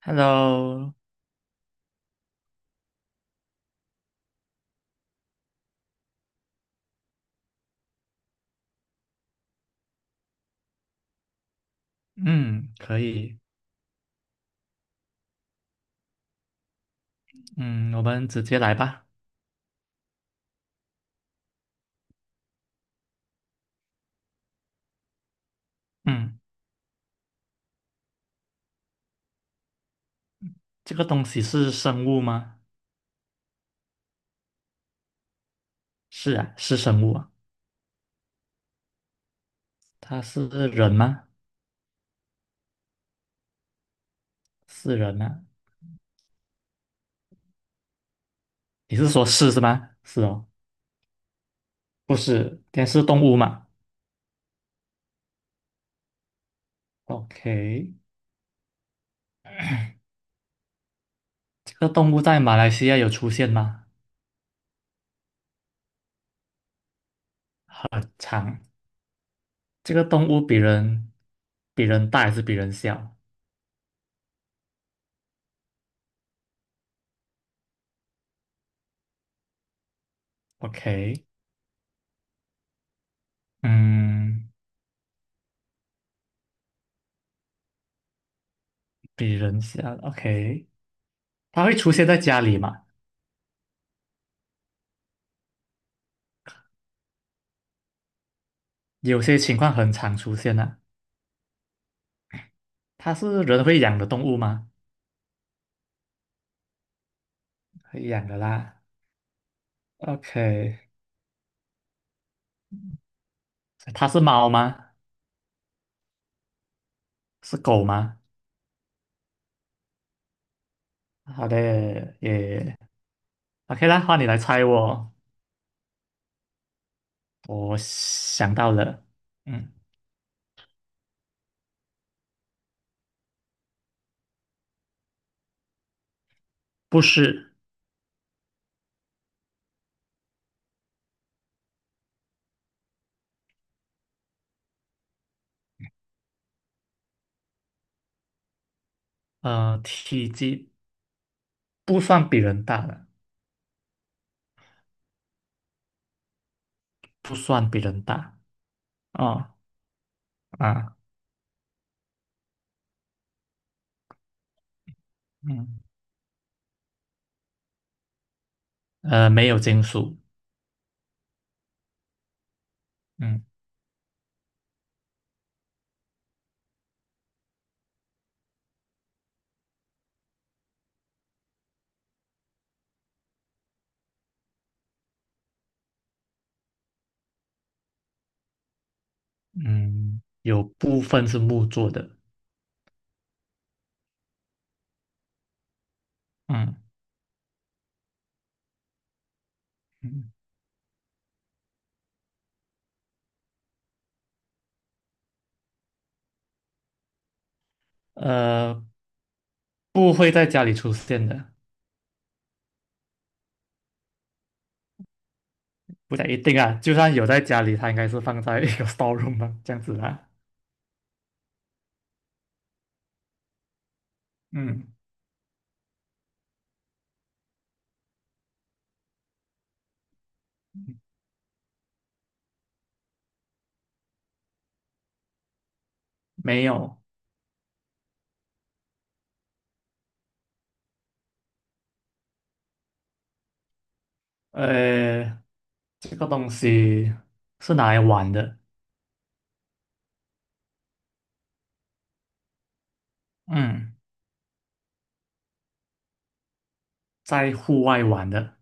Hello，嗯，可以。嗯，我们直接来吧。嗯，这个东西是生物吗？是啊，是生物啊。它是人吗？是人啊。你是说是是吗？是哦，不是，它是动物嘛？OK，这个动物在马来西亚有出现吗？常。这个动物比人大还是比人小？OK，嗯，比人小。OK，它会出现在家里吗？有些情况很常出现啊。它是人会养的动物吗？会养的啦。OK，它是猫吗？是狗吗？好的，也 OK 啦。换你来猜我，我想到了。嗯，不是。体积不算比人大的，不算比人大。哦啊，嗯，没有金属。嗯嗯，有部分是木做的。嗯嗯，呃，不会在家里出现的。不太一定啊，就算有在家里，它应该是放在一个 storeroom 吧，这样子啦。嗯，没有。呃，这个东西是拿来玩的。嗯，在户外玩的，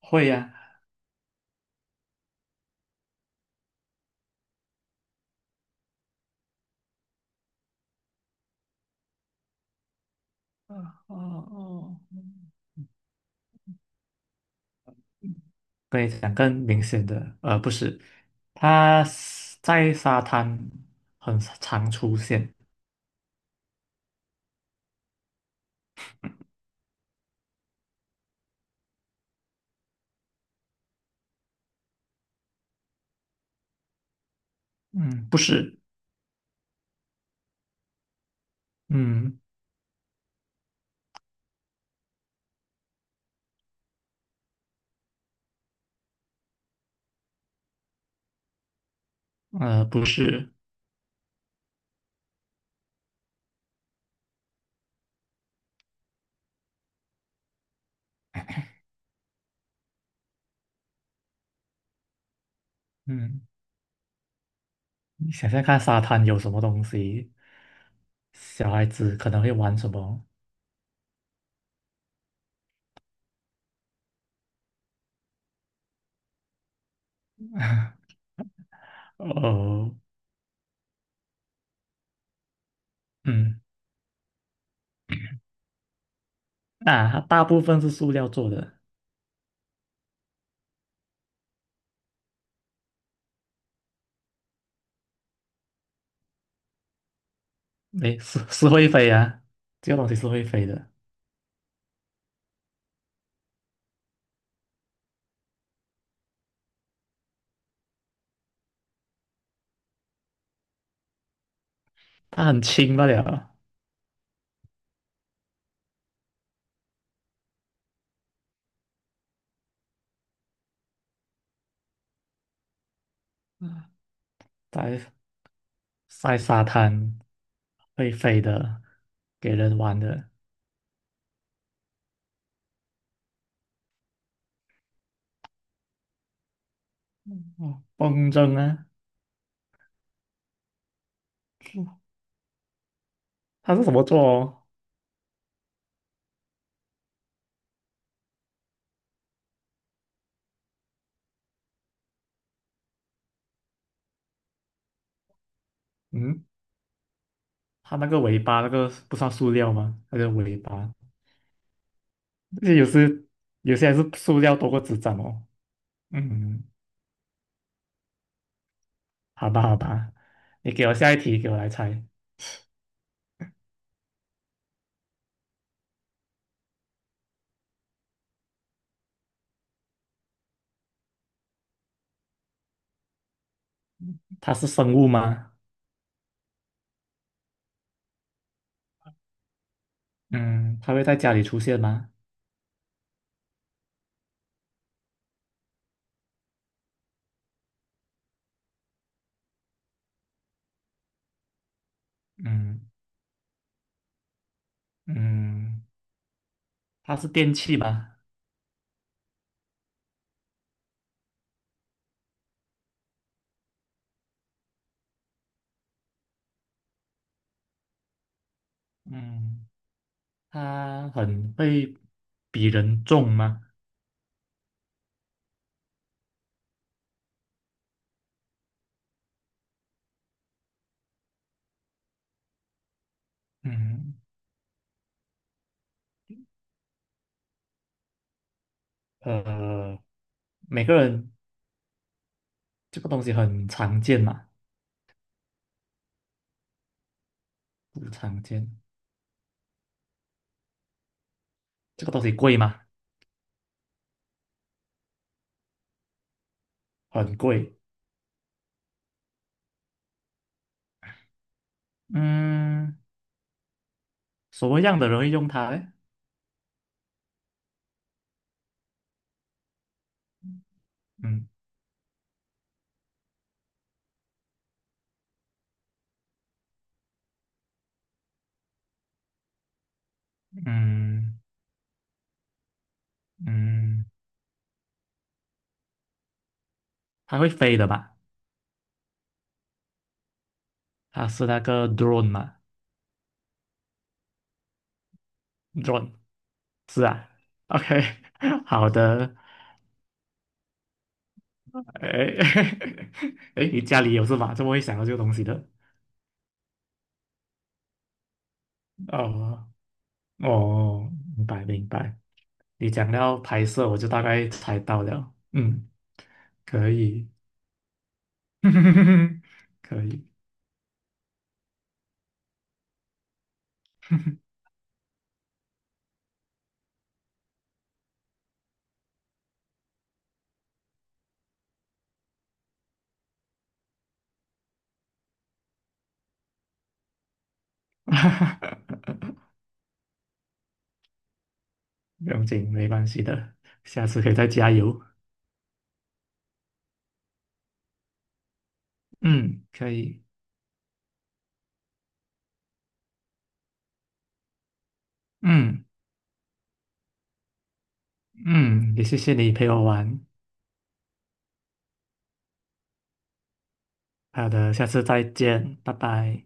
会呀、啊。哦哦，可以讲更明显的，不是，它是在沙滩很常出现。嗯，不是。嗯，不是。嗯，你想想看，沙滩有什么东西？小孩子可能会玩什么？哦，嗯，啊，大部分是塑料做的。诶，是 是会飞啊，这个东西是会飞的，它很轻罢了，在沙滩会飞的，给人玩的。哦，风筝啊。它是什么做哦？嗯，它那个尾巴那个不算塑料吗？那个尾巴，这些有时有些还是塑料多过纸张哦。嗯，嗯嗯，好吧，好吧，你给我下一题，给我来猜。它是生物吗？嗯，它会在家里出现吗？嗯嗯，它是电器吗？嗯，它很会比人重吗？嗯，呃，每个人这个东西很常见嘛？不常见，这个东西贵吗？很贵。嗯，什么样的人会用它嘞？嗯嗯嗯，它会飞的吧？它是那个 drone 嘛？drone 是啊。OK，好的。哎 哎，你家里有是吧？怎么会想到这个东西的？哦哦，明白明白。你讲到拍摄，我就大概猜到了。嗯，可以，可以，不用紧，没关系的，下次可以再加油。嗯，可以。嗯嗯，也谢谢你陪我玩。好的，下次再见，拜拜。